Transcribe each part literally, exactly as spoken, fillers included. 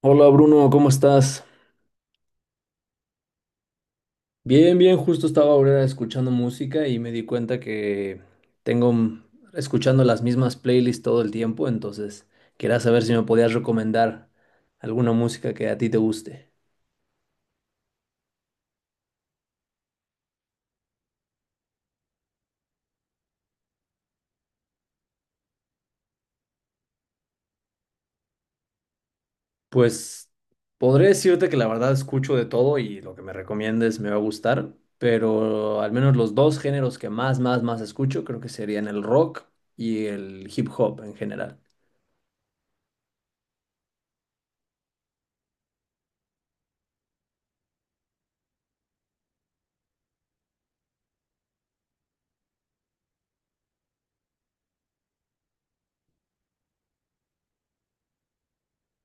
Hola Bruno, ¿cómo estás? Bien, bien, justo estaba ahora escuchando música y me di cuenta que tengo mm, escuchando las mismas playlists todo el tiempo, entonces quería saber si me podías recomendar alguna música que a ti te guste. Pues podré decirte que la verdad escucho de todo y lo que me recomiendes me va a gustar, pero al menos los dos géneros que más, más, más escucho creo que serían el rock y el hip hop en general.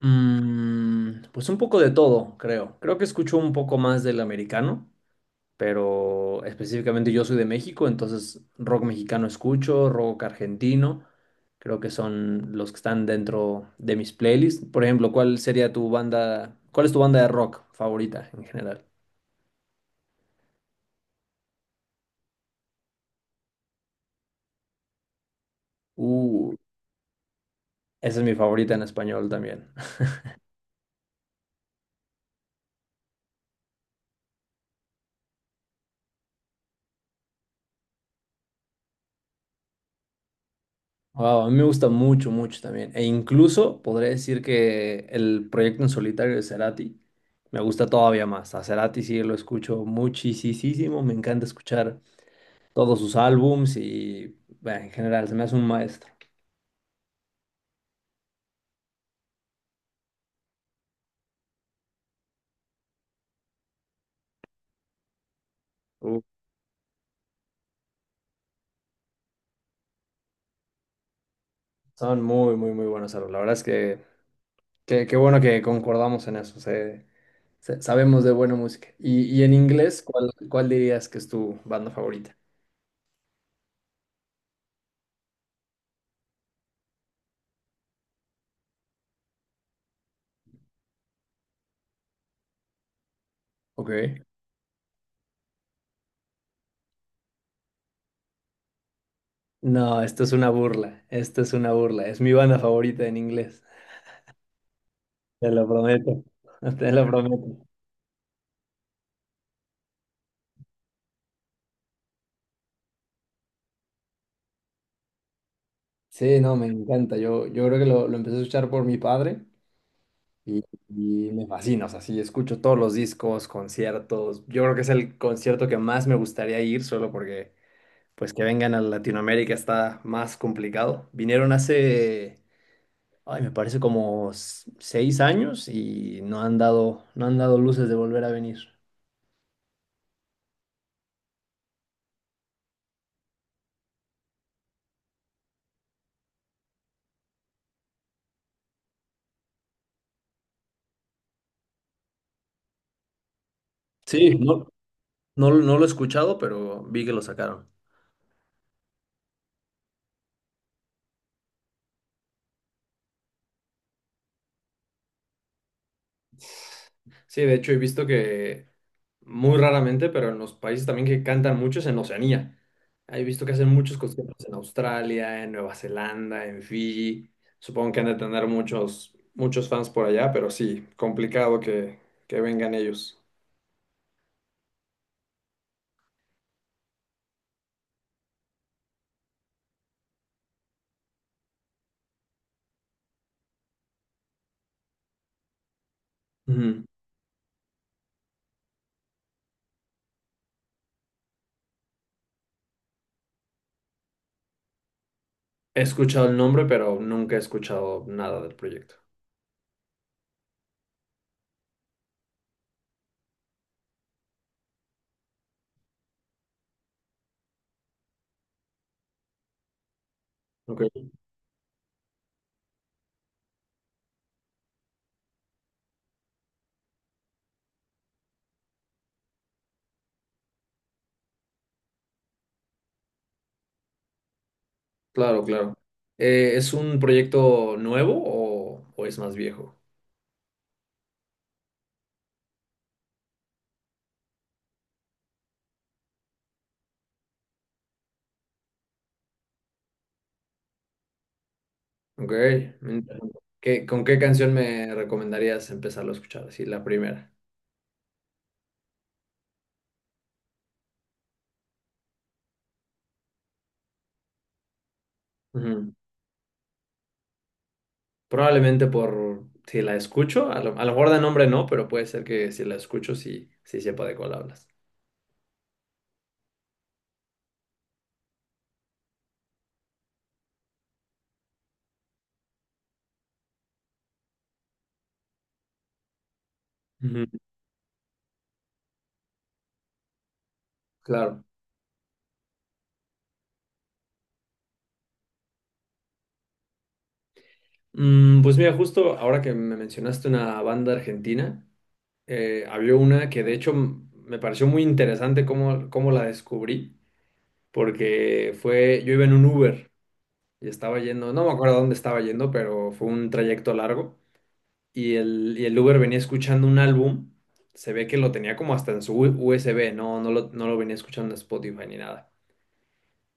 Mm, pues un poco de todo, creo. Creo que escucho un poco más del americano, pero específicamente yo soy de México, entonces rock mexicano escucho, rock argentino, creo que son los que están dentro de mis playlists. Por ejemplo, ¿cuál sería tu banda, ¿cuál es tu banda de rock favorita en general? Uh, Esa es mi favorita en español también. Wow, a mí me gusta mucho, mucho también. E incluso podría decir que el proyecto en solitario de Cerati me gusta todavía más. A Cerati sí lo escucho muchísimo. Me encanta escuchar todos sus álbums y bueno, en general se me hace un maestro. Uh, Son muy, muy, muy buenos álbumes. La verdad es que que- qué bueno que concordamos en eso. Se- se- sabemos de buena música. Y, y en inglés, ¿cuál, ¿cuál dirías que es tu banda favorita? Ok. No, esto es una burla, esto es una burla, es mi banda favorita en inglés, te lo prometo, te lo prometo. Sí, no, me encanta, yo, yo creo que lo, lo empecé a escuchar por mi padre y, y me fascina, o sea, sí, escucho todos los discos, conciertos, yo creo que es el concierto que más me gustaría ir solo porque pues que vengan a Latinoamérica está más complicado. Vinieron hace, ay, me parece como s- seis años y no han dado, no han dado luces de volver a venir. Sí, no, no, no lo he escuchado, pero vi que lo sacaron. Sí, de hecho he visto que muy raramente, pero en los países también que cantan mucho es en Oceanía. He visto que hacen muchos conciertos en Australia, en Nueva Zelanda, en Fiji. Supongo que han de tener muchos, muchos fans por allá, pero sí, complicado que, que vengan ellos. Ujú. He escuchado el nombre, pero nunca he escuchado nada del proyecto. Ok. Claro, claro. Eh, ¿es un proyecto nuevo o, o es más viejo? Ok, interesante. ¿Qué- ¿con qué canción me recomendarías empezarlo a escuchar? Así, la primera. Ujú. Probablemente por si la escucho, a lo, a lo mejor de nombre no, pero puede ser que si la escucho sí, sí sepa de cuál hablas. Ujú, claro. Mm, pues mira, justo ahora que me mencionaste una banda argentina, eh, había una que de hecho m- me pareció muy interesante cómo, cómo la descubrí, porque fue, yo iba en un Uber y estaba yendo, no me acuerdo a dónde estaba yendo, pero fue un trayecto largo. y el, y el Uber venía escuchando un álbum. Se ve que lo tenía como hasta en su U S B, no, no lo, no lo venía escuchando en Spotify ni nada.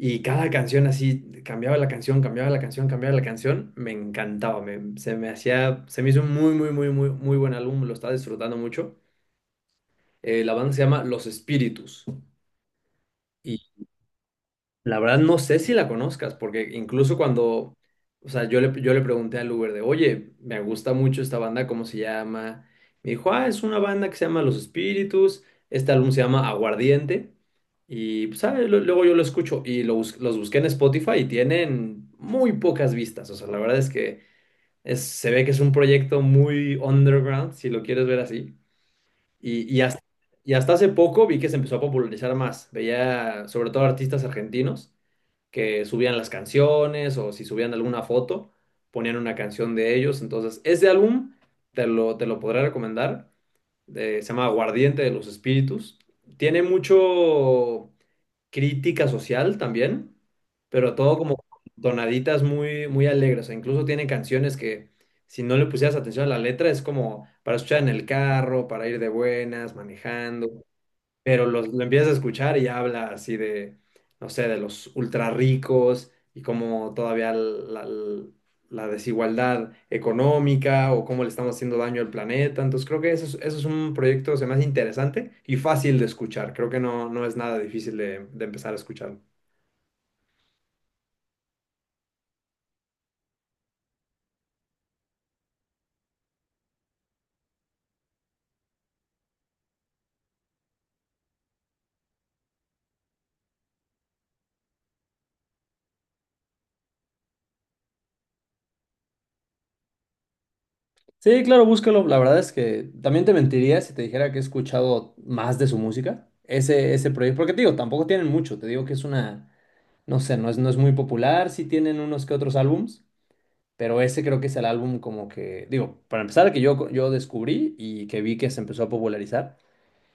Y cada canción así, cambiaba la canción, cambiaba la canción, cambiaba la canción, me encantaba, me- se me hacía, se me hizo un muy, muy, muy, muy, muy buen álbum, lo estaba disfrutando mucho. Eh, la banda se llama Los Espíritus. La verdad no sé si la conozcas, porque incluso cuando, o sea, yo le, yo le pregunté al Uber de, oye, me gusta mucho esta banda, ¿cómo se llama? Me dijo, ah, es una banda que se llama Los Espíritus, este álbum se llama Aguardiente, y pues, ah, lo- luego yo lo escucho y lo bus- los busqué en Spotify y tienen muy pocas vistas, o sea, la verdad es que es- se ve que es un proyecto muy underground, si lo quieres ver así, y, y hasta, y hasta hace poco vi que se empezó a popularizar más, veía sobre todo artistas argentinos que subían las canciones o si subían alguna foto, ponían una canción de ellos. Entonces, ese álbum te lo, te lo podré recomendar. Eh, se llama Aguardiente de los Espíritus. Tiene mucho crítica social también, pero todo como tonaditas muy, muy alegres. E incluso tiene canciones que si no le pusieras atención a la letra es como para escuchar en el carro, para ir de buenas, manejando, pero los- lo empiezas a escuchar y habla así de, no sé, de los ultra ricos y cómo todavía la, la- desigualdad económica o cómo le estamos haciendo daño al planeta. Entonces creo que eso es, eso es un proyecto, se me hace interesante y fácil de escuchar. Creo que no, no es nada difícil de, de empezar a escuchar. Sí, claro, búscalo. La verdad es que también te mentiría si te dijera que he escuchado más de su música. Ese, ese proyecto, porque te digo, tampoco tienen mucho. Te digo que es una, no sé, no es, no es muy popular. Sí tienen unos que otros álbums, pero ese creo que es el álbum como que, digo, para empezar, que yo, yo descubrí y que vi que se empezó a popularizar.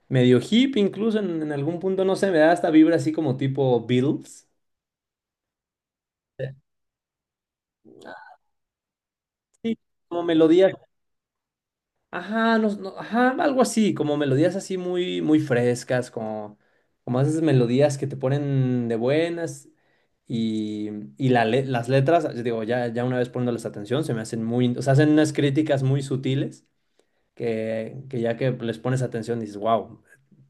Medio hip, incluso en, en algún punto, no sé, me da esta vibra así como tipo Beatles. Sí, como melodías, ajá, no, no, ajá, algo así, como melodías así muy, muy frescas, como, como esas melodías que te ponen de buenas y, y la le- las letras, yo digo, ya, ya una vez poniéndoles atención, se me hacen muy, o sea, hacen unas críticas muy sutiles que, que ya que les pones atención dices, wow,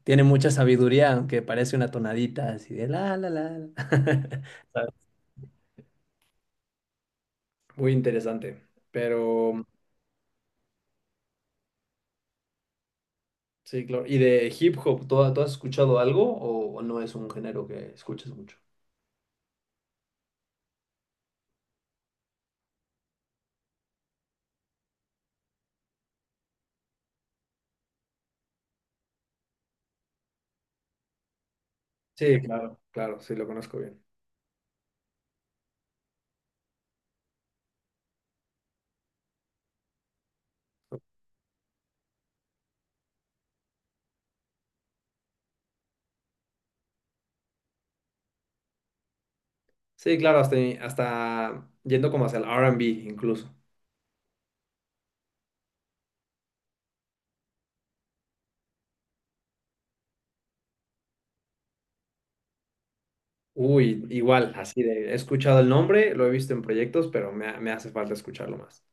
tiene mucha sabiduría, aunque parece una tonadita así de la, la, la. la". Ah, muy interesante. Pero sí, claro. ¿Y de hip hop, ¿tú, ¿tú has escuchado algo o o no es un género que escuches mucho? Sí, claro, claro, sí lo conozco bien. Sí, claro, hasta, hasta yendo como hacia el R and B incluso. Uy, igual, así de, he escuchado el nombre, lo he visto en proyectos, pero me, ha- me hace falta escucharlo más.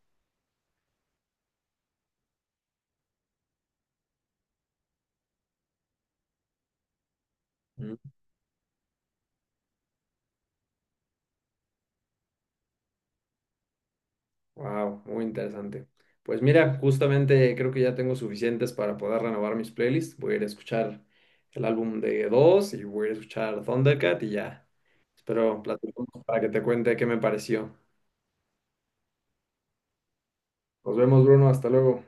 Wow, muy interesante. Pues mira, justamente creo que ya tengo suficientes para poder renovar mis playlists. Voy a ir a escuchar el álbum de Dos y voy a ir a escuchar Thundercat y ya. Espero platicamos para que te cuente qué me pareció. Nos vemos, Bruno. Hasta luego.